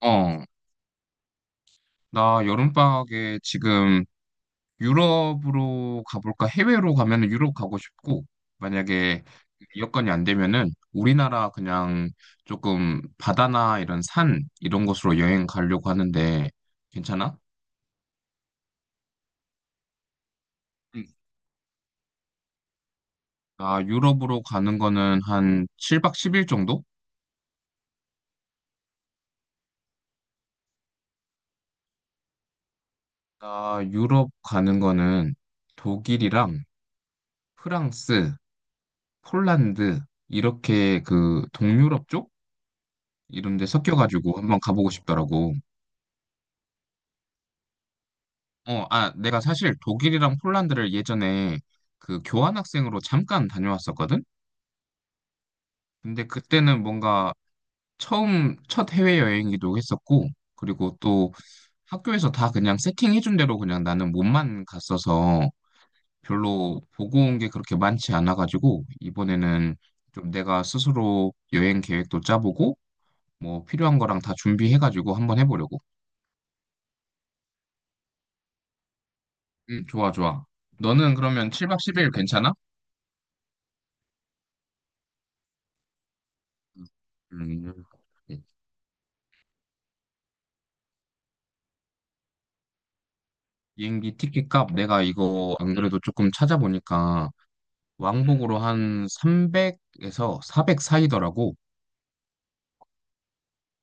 어, 나 여름방학에 지금 유럽으로 가볼까? 해외로 가면은 유럽 가고 싶고, 만약에 여건이 안 되면은 우리나라 그냥 조금 바다나 이런 산 이런 곳으로 여행 가려고 하는데 괜찮아? 응. 나 유럽으로 가는 거는 한 7박 10일 정도? 나 유럽 가는 거는 독일이랑 프랑스, 폴란드 이렇게 그 동유럽 쪽 이런 데 섞여가지고 한번 가보고 싶더라고. 어, 아, 내가 사실 독일이랑 폴란드를 예전에 그 교환학생으로 잠깐 다녀왔었거든? 근데 그때는 뭔가 처음 첫 해외여행이기도 했었고, 그리고 또 학교에서 다 그냥 세팅해준 대로 그냥 나는 몸만 갔어서 별로 보고 온 게 그렇게 많지 않아가지고, 이번에는 좀 내가 스스로 여행 계획도 짜보고, 뭐 필요한 거랑 다 준비해가지고 한번 해보려고. 좋아, 좋아. 너는 그러면 7박 10일 괜찮아? 음. 비행기 티켓 값 내가 이거 안 그래도 조금 찾아보니까 왕복으로 한 300에서 400 사이더라고.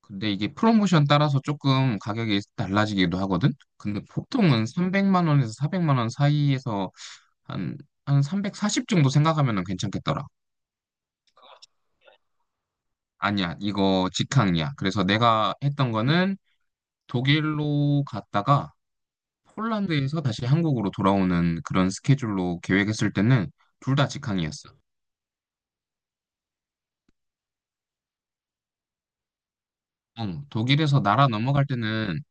근데 이게 프로모션 따라서 조금 가격이 달라지기도 하거든. 근데 보통은 300만 원에서 400만 원 사이에서 한 한 340 정도 생각하면 괜찮겠더라. 아니야, 이거 직항이야. 그래서 내가 했던 거는 독일로 갔다가 폴란드에서 다시 한국으로 돌아오는 그런 스케줄로 계획했을 때는 둘 다 직항이었어. 응, 독일에서 나라 넘어갈 때는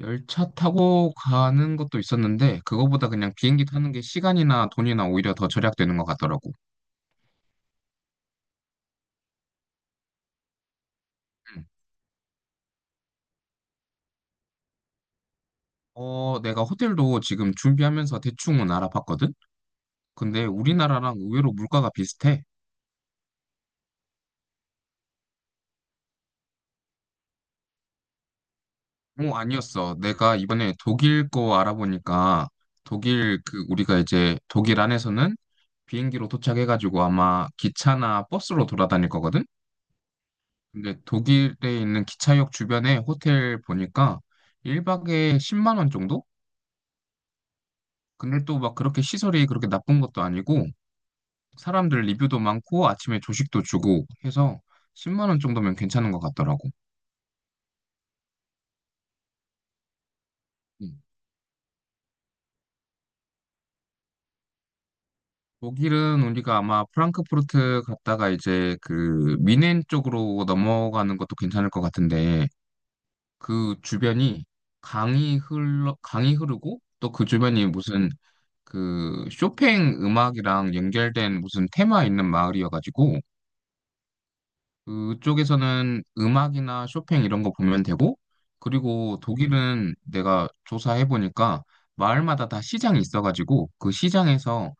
열차 타고 가는 것도 있었는데 그거보다 그냥 비행기 타는 게 시간이나 돈이나 오히려 더 절약되는 것 같더라고. 응. 어, 내가 호텔도 지금 준비하면서 대충은 알아봤거든? 근데 우리나라랑 의외로 물가가 비슷해. 뭐 아니었어. 내가 이번에 독일 거 알아보니까 독일 그 우리가 이제 독일 안에서는 비행기로 도착해가지고 아마 기차나 버스로 돌아다닐 거거든? 근데 독일에 있는 기차역 주변에 호텔 보니까 1박에 10만 원 정도? 근데 또 막 그렇게 시설이 그렇게 나쁜 것도 아니고 사람들 리뷰도 많고 아침에 조식도 주고 해서 10만 원 정도면 괜찮은 것 같더라고. 음. 독일은 우리가 아마 프랑크푸르트 갔다가 이제 그 미넨 쪽으로 넘어가는 것도 괜찮을 것 같은데 그 주변이 강이 흐르고 또 그 주변이 무슨 그 쇼팽 음악이랑 연결된 무슨 테마 있는 마을이어가지고 그쪽에서는 음악이나 쇼팽 이런 거 보면 되고 그리고 독일은 내가 조사해보니까 마을마다 다 시장이 있어가지고 그 시장에서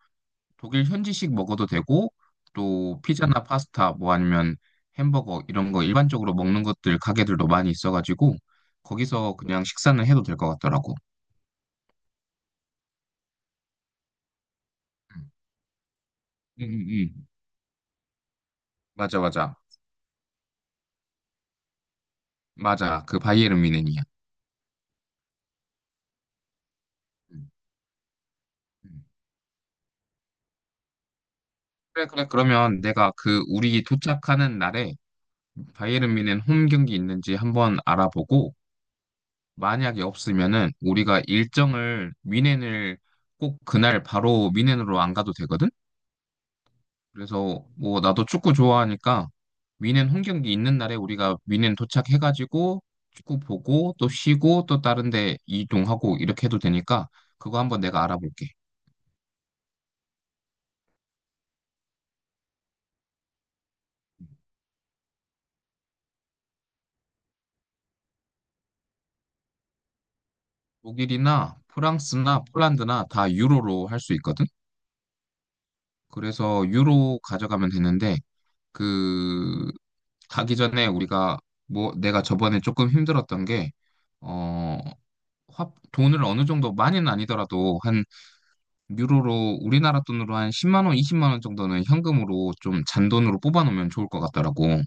독일 현지식 먹어도 되고 또 피자나 파스타 뭐 아니면 햄버거 이런 거 일반적으로 먹는 것들 가게들도 많이 있어가지고 거기서 그냥 식사는 해도 될 것 같더라고. 응, 응, 응. 맞아, 맞아. 맞아. 그 바이에른 미넨이야. 그래, 그래. 그러면 내가 그 우리 도착하는 날에 바이에른 뮌헨 홈 경기 있는지 한번 알아보고 만약에 없으면은 우리가 일정을 뮌헨을 꼭 그날 바로 뮌헨으로 안 가도 되거든? 그래서 뭐 나도 축구 좋아하니까 뮌헨 홈 경기 있는 날에 우리가 뮌헨 도착해가지고 축구 보고 또 쉬고 또 다른 데 이동하고 이렇게 해도 되니까 그거 한번 내가 알아볼게. 독일이나 프랑스나 폴란드나 다 유로로 할 수 있거든? 그래서 유로 가져가면 되는데 그 가기 전에 우리가 뭐 내가 저번에 조금 힘들었던 게 어, 돈을 어느 정도 많이는 아니더라도 한 유로로 우리나라 돈으로 한 10만 원, 20만 원 정도는 현금으로 좀 잔돈으로 뽑아 놓으면 좋을 것 같더라고.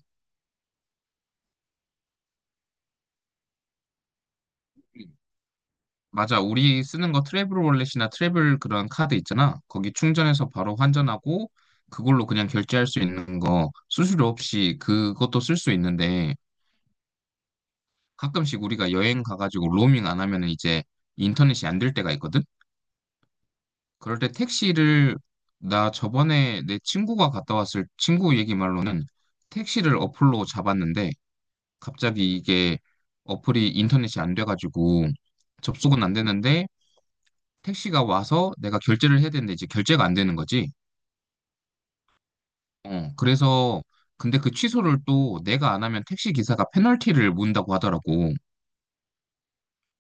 맞아. 우리 쓰는 거 트래블 월렛이나 트래블 그런 카드 있잖아. 거기 충전해서 바로 환전하고 그걸로 그냥 결제할 수 있는 거 수수료 없이 그것도 쓸 수 있는데 가끔씩 우리가 여행 가가지고 로밍 안 하면은 이제 인터넷이 안 될 때가 있거든? 그럴 때 나 저번에 내 친구가 갔다 왔을 친구 얘기 말로는 택시를 어플로 잡았는데 갑자기 이게 어플이 인터넷이 안 돼가지고 접속은 안 되는데 택시가 와서 내가 결제를 해야 되는데 이제 결제가 안 되는 거지. 어, 그래서 근데 그 취소를 또 내가 안 하면 택시 기사가 페널티를 문다고 하더라고.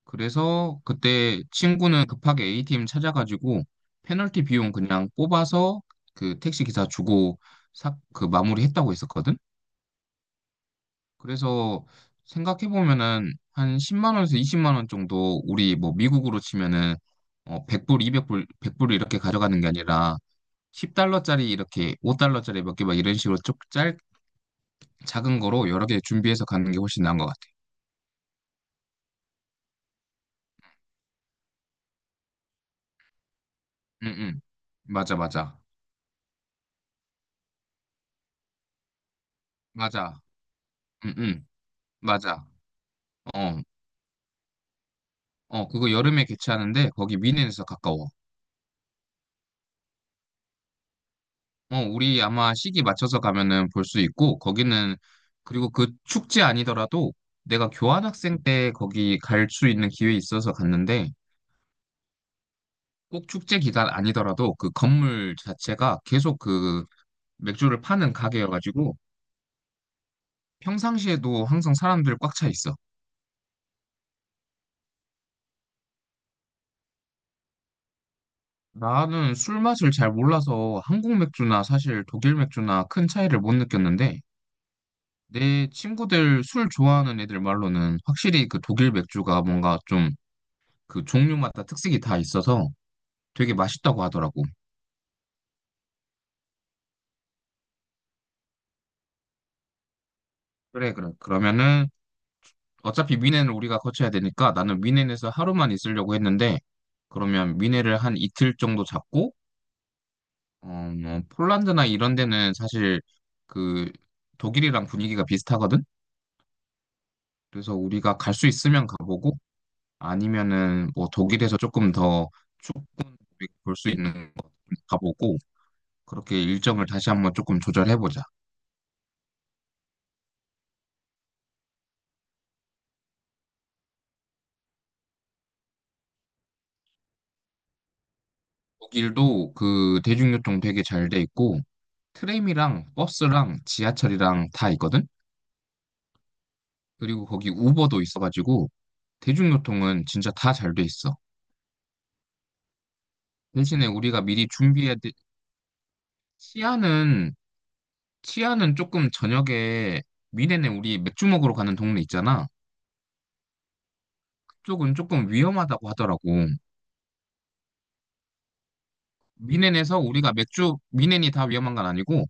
그래서 그때 친구는 급하게 A팀 찾아가지고 페널티 비용 그냥 뽑아서 그 택시 기사 주고 그 마무리했다고 했었거든. 그래서 생각해 보면은 한 10만 원에서 20만 원 정도 우리 뭐 미국으로 치면은 100불, 200불, 100불 이렇게 가져가는 게 아니라 10달러짜리 이렇게 5달러짜리 몇 개 막 이런 식으로 쭉 작은 거로 여러 개 준비해서 가는 게 훨씬 나은 것 같아. 응, 응. 맞아, 맞아. 맞아. 응, 응. 맞아. 어, 어, 그거 여름에 개최하는데 거기 미넨에서 가까워. 어, 우리 아마 시기 맞춰서 가면은 볼 수 있고 거기는 그리고 그 축제 아니더라도 내가 교환학생 때 거기 갈 수 있는 기회 있어서 갔는데 꼭 축제 기간 아니더라도 그 건물 자체가 계속 그 맥주를 파는 가게여가지고 평상시에도 항상 사람들 꽉 차 있어. 나는 술 맛을 잘 몰라서 한국 맥주나 사실 독일 맥주나 큰 차이를 못 느꼈는데 내 친구들 술 좋아하는 애들 말로는 확실히 그 독일 맥주가 뭔가 좀 그 종류마다 특색이 다 있어서 되게 맛있다고 하더라고. 그래, 그래. 그러면은 어차피 미넨을 우리가 거쳐야 되니까 나는 미넨에서 하루만 있으려고 했는데 그러면 미넨을 한 이틀 정도 잡고 어, 뭐 폴란드나 이런 데는 사실 그 독일이랑 분위기가 비슷하거든. 그래서 우리가 갈 수 있으면 가보고 아니면은 뭐 독일에서 조금 더 축구 볼수 있는 곳 가보고 그렇게 일정을 다시 한번 조금 조절해보자. 독일도 그 대중교통 되게 잘 돼 있고 트램이랑 버스랑 지하철이랑 다 있거든? 그리고 거기 우버도 있어가지고 대중교통은 진짜 다 잘 돼 있어. 대신에 우리가 미리 준비해야 돼. 치안은 치안은 조금 저녁에 미넨에 우리 맥주 먹으러 가는 동네 있잖아. 그쪽은 조금 위험하다고 하더라고. 미넨에서 우리가 맥주 미넨이 다 위험한 건 아니고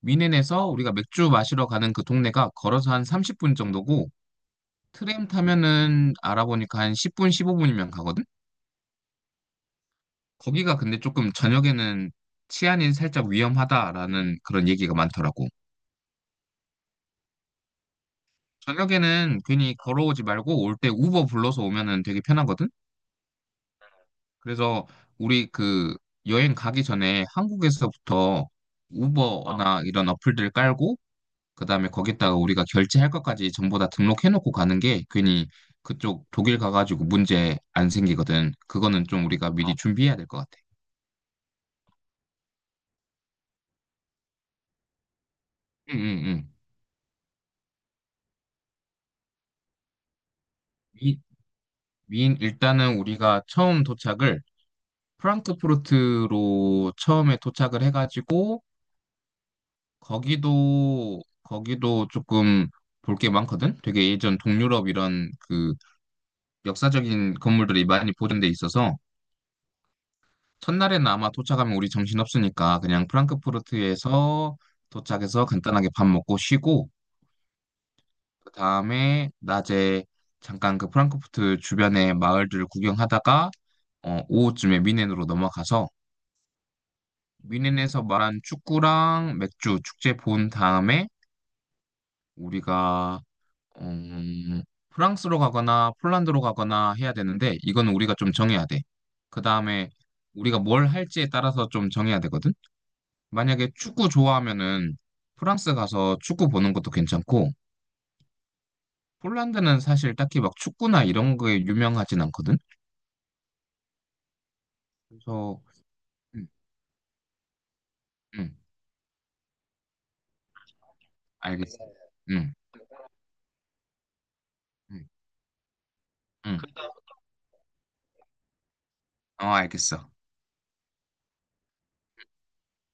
미넨에서 우리가 맥주 마시러 가는 그 동네가 걸어서 한 30분 정도고 트램 타면은 알아보니까 한 10분, 15분이면 가거든? 거기가 근데 조금 저녁에는 치안이 살짝 위험하다라는 그런 얘기가 많더라고. 저녁에는 괜히 걸어오지 말고 올 때 우버 불러서 오면은 되게 편하거든? 그래서 우리 그 여행 가기 전에 한국에서부터 어, 우버나 이런 어플들 깔고 그다음에 거기다가 우리가 결제할 것까지 전부 다 등록해놓고 가는 게 괜히 그쪽 독일 가가지고 문제 안 생기거든. 그거는 좀 우리가 아, 미리 아, 준비해야 될 것 같아. 응, 응, 응. 미, 인 일단은 우리가 처음 도착을 프랑크푸르트로 처음에 도착을 해가지고 거기도 조금 볼 게 많거든. 되게 예전 동유럽 이런 그 역사적인 건물들이 많이 보존돼 있어서 첫날에는 아마 도착하면 우리 정신없으니까 그냥 프랑크푸르트에서 도착해서 간단하게 밥 먹고 쉬고 그 다음에 낮에 잠깐 그 프랑크푸르트 주변의 마을들을 구경하다가 어, 오후쯤에 뮌헨으로 넘어가서 뮌헨에서 말한 축구랑 맥주 축제 본 다음에 우리가 음, 프랑스로 가거나 폴란드로 가거나 해야 되는데 이건 우리가 좀 정해야 돼. 그 다음에 우리가 뭘 할지에 따라서 좀 정해야 되거든. 만약에 축구 좋아하면은 프랑스 가서 축구 보는 것도 괜찮고, 폴란드는 사실 딱히 막 축구나 이런 거에 유명하진 않거든? 그래서, 응, 응, 알겠어. 응, 응, 응. 어, 알겠어.